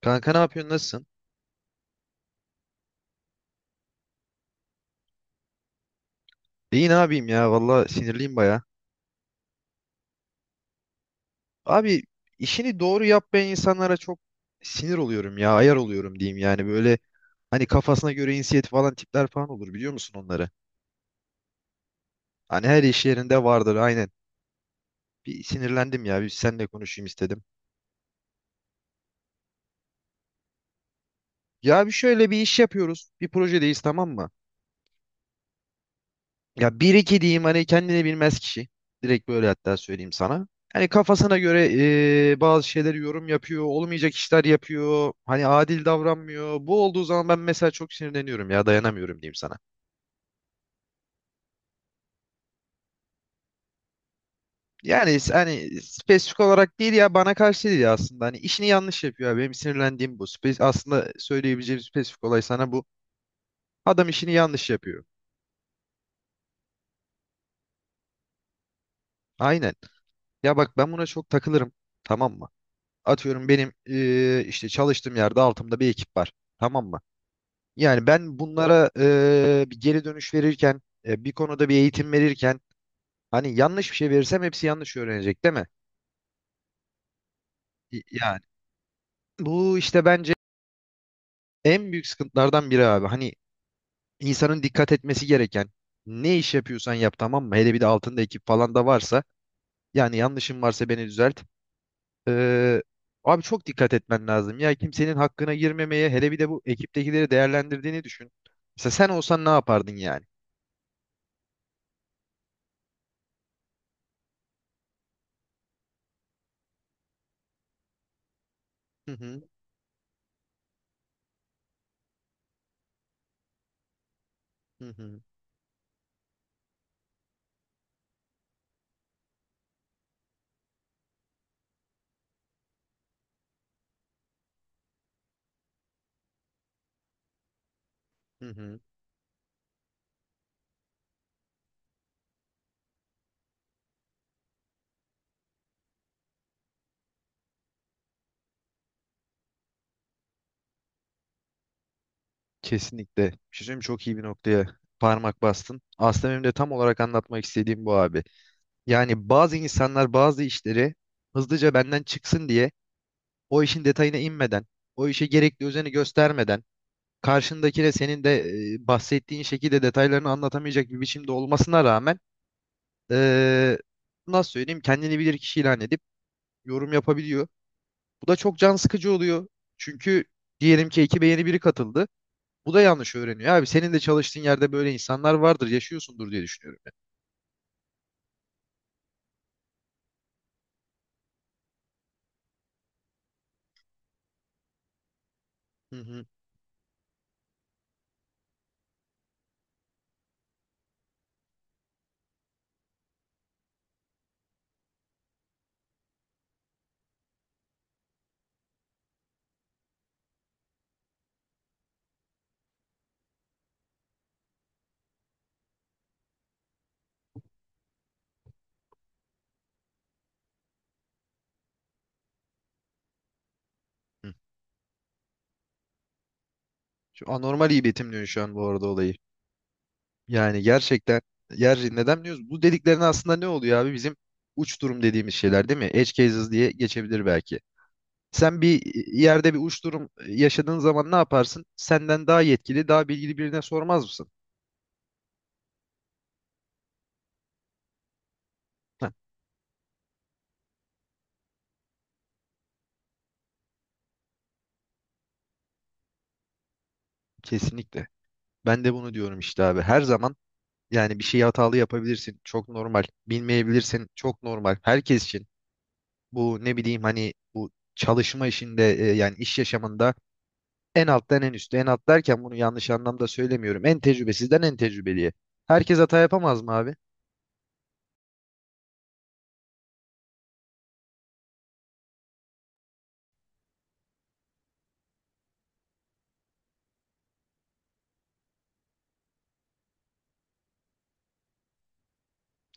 Kanka ne yapıyorsun nasılsın? İyi ne yapayım ya valla sinirliyim baya. Abi işini doğru yapmayan insanlara çok sinir oluyorum ya ayar oluyorum diyeyim yani böyle hani kafasına göre inisiyatif falan tipler falan olur biliyor musun onları? Hani her iş yerinde vardır aynen. Bir sinirlendim ya bir seninle konuşayım istedim. Ya bir şöyle bir iş yapıyoruz bir projedeyiz tamam mı? Ya bir iki diyeyim hani kendini bilmez kişi. Direkt böyle hatta söyleyeyim sana. Hani kafasına göre bazı şeyleri yorum yapıyor, olmayacak işler yapıyor. Hani adil davranmıyor. Bu olduğu zaman ben mesela çok sinirleniyorum ya dayanamıyorum diyeyim sana. Yani hani spesifik olarak değil ya bana karşı değil ya aslında. Hani işini yanlış yapıyor ya. Benim sinirlendiğim bu. Aslında söyleyebileceğim spesifik olay sana bu. Adam işini yanlış yapıyor. Aynen. Ya bak ben buna çok takılırım. Tamam mı? Atıyorum benim işte çalıştığım yerde altımda bir ekip var. Tamam mı? Yani ben bunlara bir geri dönüş verirken, bir konuda bir eğitim verirken hani yanlış bir şey verirsem hepsi yanlış öğrenecek değil mi? Yani bu işte bence en büyük sıkıntılardan biri abi. Hani insanın dikkat etmesi gereken ne iş yapıyorsan yap tamam mı? Hele bir de altında ekip falan da varsa yani yanlışım varsa beni düzelt. Ee, Abi çok dikkat etmen lazım. Ya kimsenin hakkına girmemeye hele bir de bu ekiptekileri değerlendirdiğini düşün. Mesela sen olsan ne yapardın yani? Hı hı, hı hı, hı hı. Kesinlikle. Bir şey söyleyeyim mi? Çok iyi bir noktaya parmak bastın. Aslında benim de tam olarak anlatmak istediğim bu abi. Yani bazı insanlar bazı işleri hızlıca benden çıksın diye o işin detayına inmeden, o işe gerekli özeni göstermeden, karşındakine senin de bahsettiğin şekilde detaylarını anlatamayacak bir biçimde olmasına rağmen eee, nasıl söyleyeyim kendini bilir kişi ilan edip yorum yapabiliyor. Bu da çok can sıkıcı oluyor. Çünkü diyelim ki ekibe yeni biri katıldı. Bu da yanlış öğreniyor. Abi senin de çalıştığın yerde böyle insanlar vardır, yaşıyorsundur diye düşünüyorum. Hı hı. Hı. Şu anormal iyi betimliyorsun şu an bu arada olayı. Yani gerçekten yer neden diyoruz? Bu dediklerin aslında ne oluyor abi? Bizim uç durum dediğimiz şeyler değil mi? Edge cases diye geçebilir belki. Sen bir yerde bir uç durum yaşadığın zaman ne yaparsın? Senden daha yetkili, daha bilgili birine sormaz mısın? Ha, kesinlikle. Ben de bunu diyorum işte abi. Her zaman yani bir şeyi hatalı yapabilirsin. Çok normal. Bilmeyebilirsin. Çok normal. Herkes için bu ne bileyim hani bu çalışma işinde yani iş yaşamında en alttan en üste en alt derken bunu yanlış anlamda söylemiyorum. En tecrübesizden en tecrübeliye. Herkes hata yapamaz mı abi?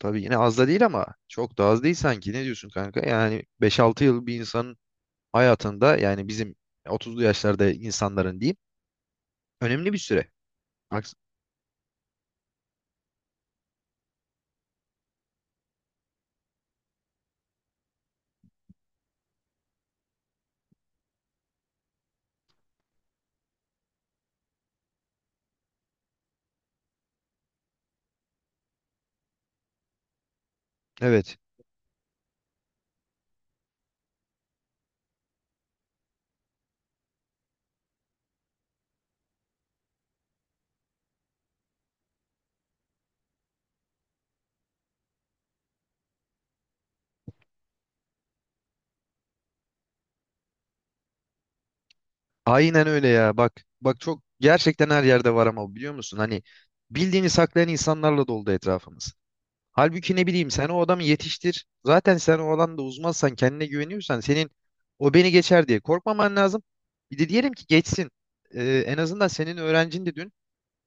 Tabii yine az da değil ama çok da az değil sanki. Ne diyorsun kanka? Yani 5-6 yıl bir insanın hayatında yani bizim 30'lu yaşlarda insanların diyeyim önemli bir süre. Aks- Evet. Aynen öyle ya. Bak bak çok gerçekten her yerde var ama biliyor musun? Hani bildiğini saklayan insanlarla doldu etrafımız. Halbuki ne bileyim sen o adamı yetiştir. Zaten sen o alanda uzmansan kendine güveniyorsan senin o beni geçer diye korkmaman lazım. Bir de diyelim ki geçsin. En azından senin öğrencin de dün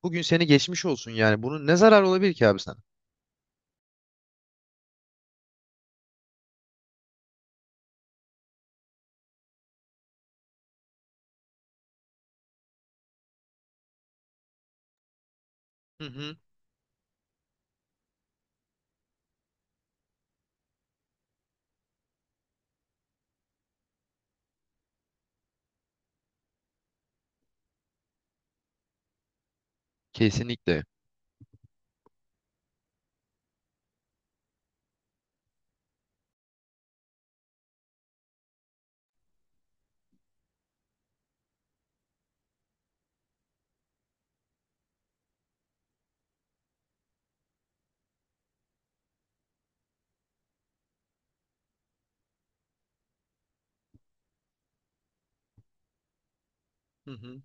bugün seni geçmiş olsun yani. Bunun ne zarar olabilir ki abi sana? Hı hı. Kesinlikle. Hı hı.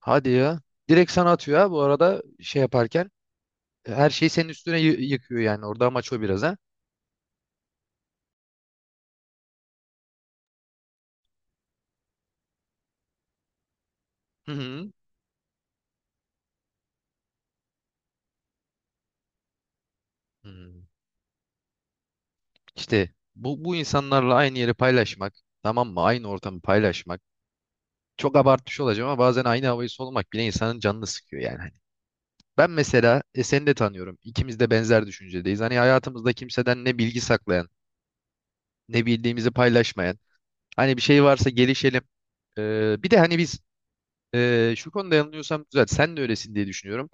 Hadi ya. Direkt sana atıyor ha bu arada şey yaparken. Her şeyi senin üstüne yıkıyor yani. Orada amaç o biraz ha. Hı hı. Hmm. İşte bu insanlarla aynı yeri paylaşmak, tamam mı? Aynı ortamı paylaşmak. Çok abartmış olacağım ama bazen aynı havayı solumak bile insanın canını sıkıyor yani. Hani ben mesela seni de tanıyorum. İkimiz de benzer düşüncedeyiz. Hani hayatımızda kimseden ne bilgi saklayan, ne bildiğimizi paylaşmayan. Hani bir şey varsa gelişelim. Bir de hani biz şu konuda yanılıyorsam güzel. Sen de öylesin diye düşünüyorum.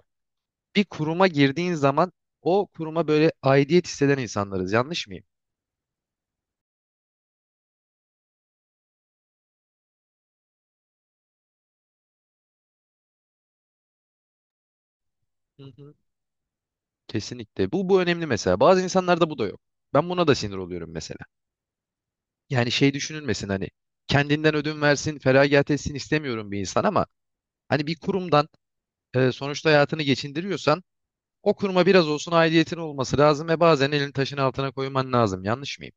Bir kuruma girdiğin zaman o kuruma böyle aidiyet hisseden insanlarız. Yanlış mıyım? Kesinlikle. Bu önemli mesela. Bazı insanlarda bu da yok. Ben buna da sinir oluyorum mesela. Yani şey düşünülmesin hani kendinden ödün versin, feragat etsin istemiyorum bir insan ama hani bir kurumdan sonuçta hayatını geçindiriyorsan o kuruma biraz olsun aidiyetin olması lazım ve bazen elini taşın altına koyman lazım. Yanlış mıyım?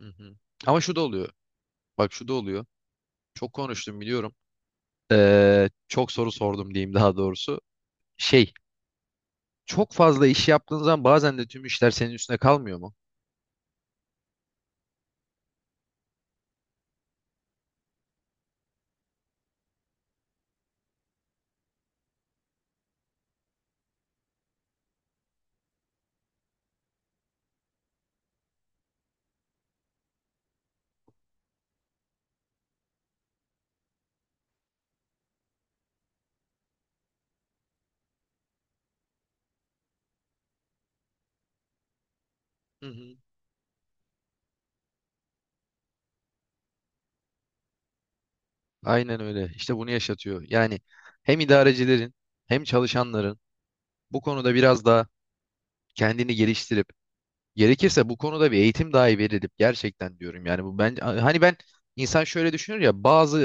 Hı hı. Ama şu da oluyor. Bak şu da oluyor. Çok konuştum biliyorum. Çok soru sordum diyeyim daha doğrusu. Şey, çok fazla iş yaptığın zaman bazen de tüm işler senin üstüne kalmıyor mu? Hı hı. Aynen öyle. İşte bunu yaşatıyor. Yani hem idarecilerin hem çalışanların bu konuda biraz daha kendini geliştirip gerekirse bu konuda bir eğitim dahi verilip gerçekten diyorum yani bu ben hani ben insan şöyle düşünür ya bazı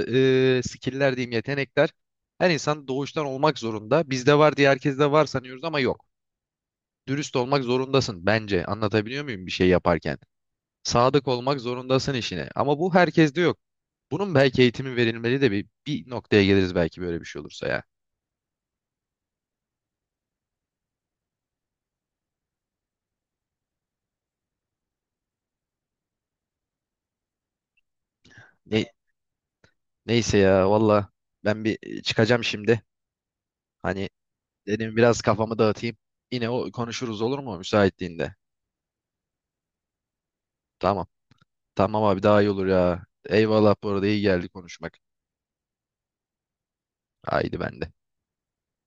skill'ler diyeyim yetenekler her insan doğuştan olmak zorunda. Bizde var diye herkeste var sanıyoruz ama yok. Dürüst olmak zorundasın bence. Anlatabiliyor muyum bir şey yaparken? Sadık olmak zorundasın işine. Ama bu herkeste yok. Bunun belki eğitimi verilmeli de bir noktaya geliriz belki böyle bir şey olursa ya. Ne, Neyse ya valla ben bir çıkacağım şimdi. Hani dedim biraz kafamı dağıtayım. Yine o konuşuruz olur mu müsaitliğinde? Tamam. Tamam abi daha iyi olur ya. Eyvallah bu arada iyi geldi konuşmak. Haydi ben de.